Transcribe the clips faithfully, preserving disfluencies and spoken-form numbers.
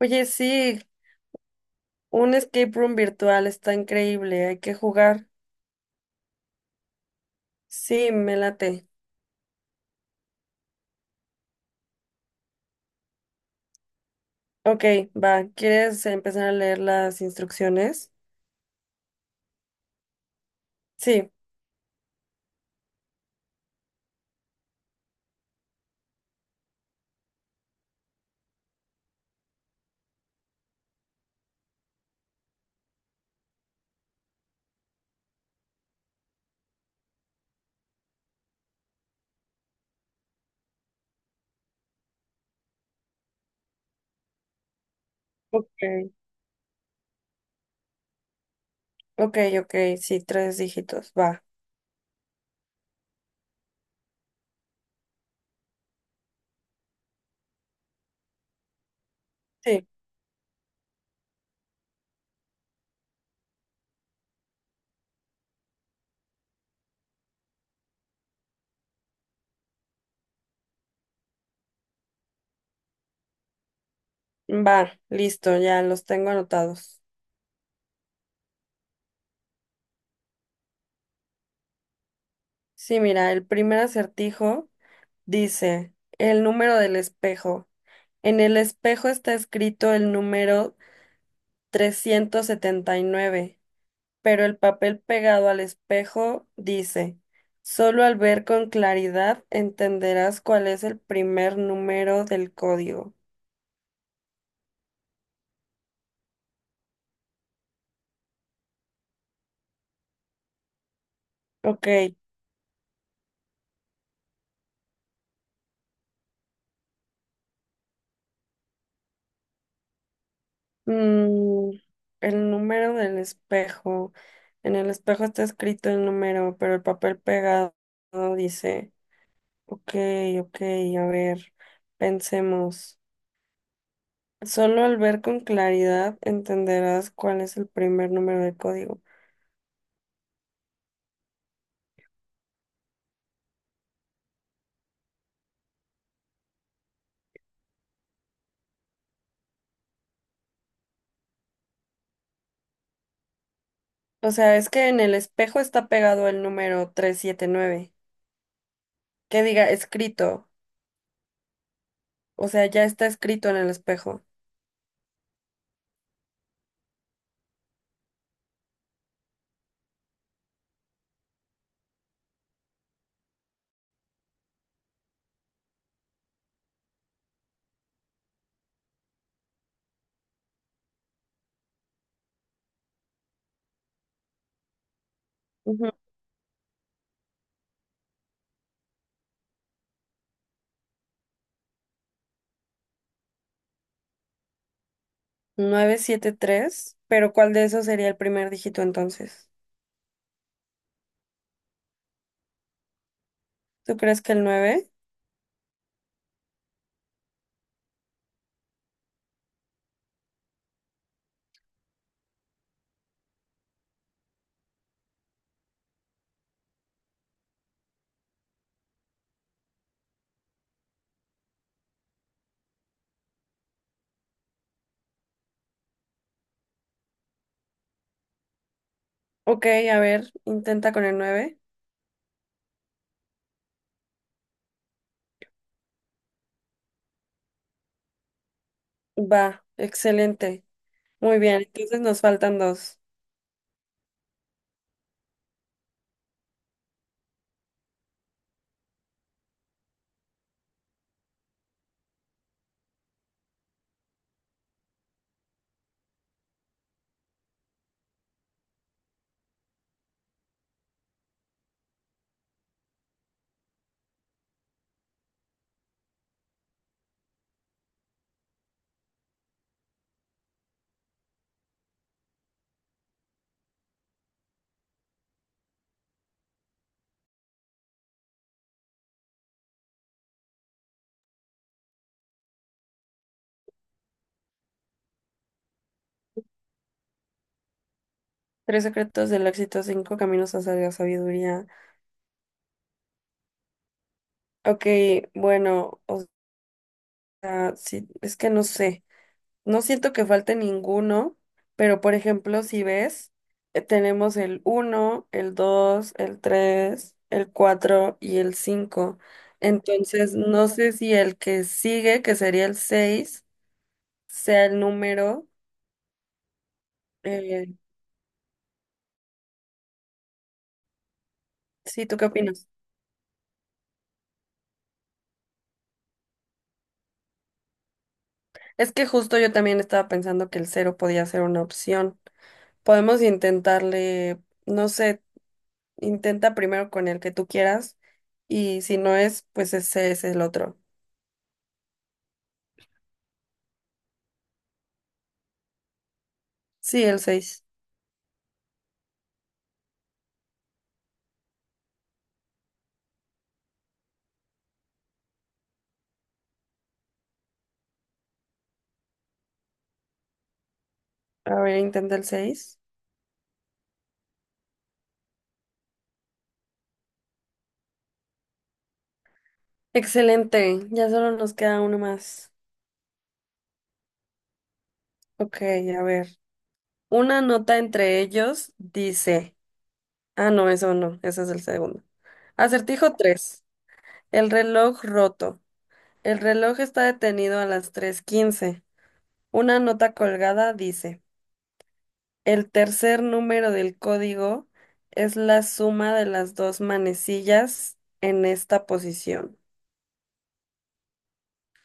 Oye, sí, un escape room virtual está increíble, hay que jugar. Sí, me late. Ok, va, ¿quieres empezar a leer las instrucciones? Sí, ok, ok, ok, sí, tres dígitos, va. Sí, va, listo, ya los tengo anotados. Sí, mira, el primer acertijo dice el número del espejo. En el espejo está escrito el número trescientos setenta y nueve, pero el papel pegado al espejo dice, solo al ver con claridad entenderás cuál es el primer número del código. Ok, mm, el número del espejo. En el espejo está escrito el número, pero el papel pegado dice, ok, ok, a ver, pensemos. Solo al ver con claridad entenderás cuál es el primer número del código. O sea, es que en el espejo está pegado el número trescientos setenta y nueve. Que diga escrito. O sea, ya está escrito en el espejo. Ujú. Novecientos setenta y tres. Pero ¿cuál de esos sería el primer dígito entonces? ¿Tú crees que el nueve? Ok, a ver, intenta con el nueve. Va, excelente. Muy bien, entonces nos faltan dos. Tres secretos del éxito, cinco caminos hacia la sabiduría. Ok, bueno, o sea, sí, es que no sé. No siento que falte ninguno, pero por ejemplo, si ves, eh, tenemos el uno, el dos, el tres, el cuatro y el cinco. Entonces, no sé si el que sigue, que sería el seis, sea el número. eh, sí, ¿tú qué opinas? Es que justo yo también estaba pensando que el cero podía ser una opción. Podemos intentarle, no sé, intenta primero con el que tú quieras y si no es, pues ese es el otro. Sí, el seis. A ver, intenta el seis. Excelente, ya solo nos queda uno más. Ok, a ver. Una nota entre ellos dice. Ah, no, eso no, ese es el segundo. Acertijo tres. El reloj roto. El reloj está detenido a las tres quince. Una nota colgada dice. El tercer número del código es la suma de las dos manecillas en esta posición.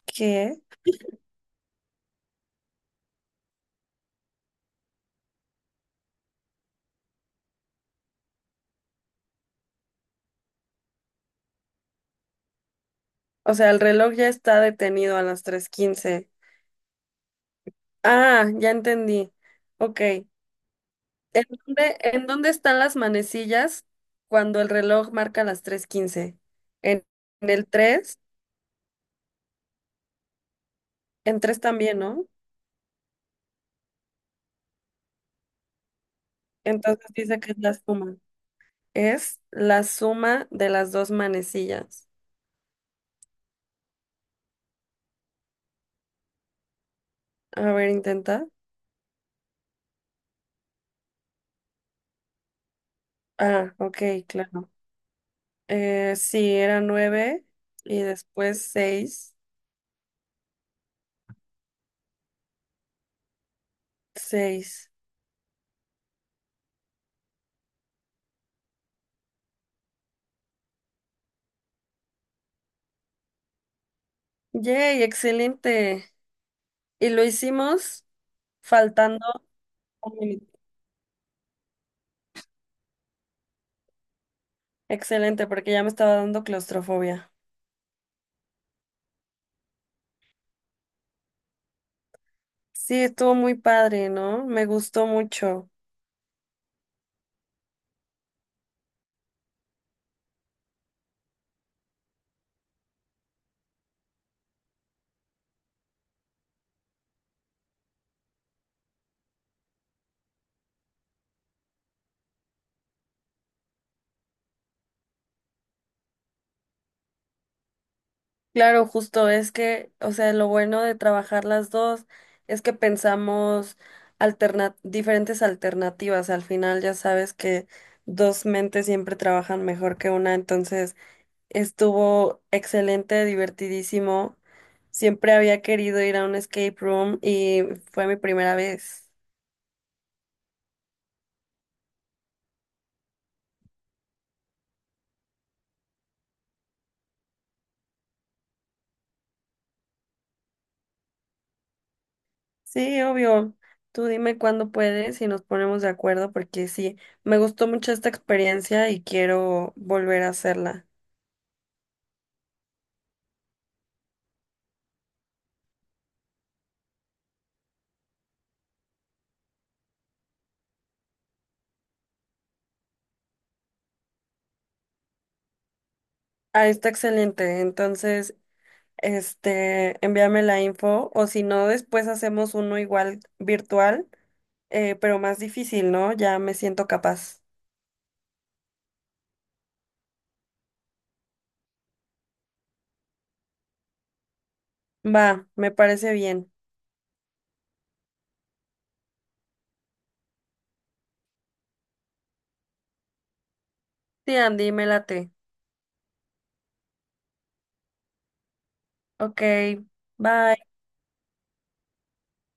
¿Qué? O sea, el reloj ya está detenido a las tres quince. Ah, ya entendí. Ok. ¿En dónde, en dónde están las manecillas cuando el reloj marca las tres quince? En, en el tres, en tres también, ¿no? Entonces dice que es la suma. Es la suma de las dos manecillas. A ver, intenta. Ah, ok, claro. Eh, sí, era nueve y después seis, seis. ¡Yay! Excelente. Y lo hicimos faltando. Excelente, porque ya me estaba dando claustrofobia. Sí, estuvo muy padre, ¿no? Me gustó mucho. Claro, justo es que, o sea, lo bueno de trabajar las dos es que pensamos alterna- diferentes alternativas. Al final ya sabes que dos mentes siempre trabajan mejor que una, entonces estuvo excelente, divertidísimo. Siempre había querido ir a un escape room y fue mi primera vez. Sí, obvio. Tú dime cuándo puedes y nos ponemos de acuerdo porque sí, me gustó mucho esta experiencia y quiero volver a hacerla. Ah, está excelente. Entonces, este, envíame la info o si no, después hacemos uno igual virtual, eh, pero más difícil, ¿no? Ya me siento capaz. Va, me parece bien. Sí, Andy, me late. Ok, bye.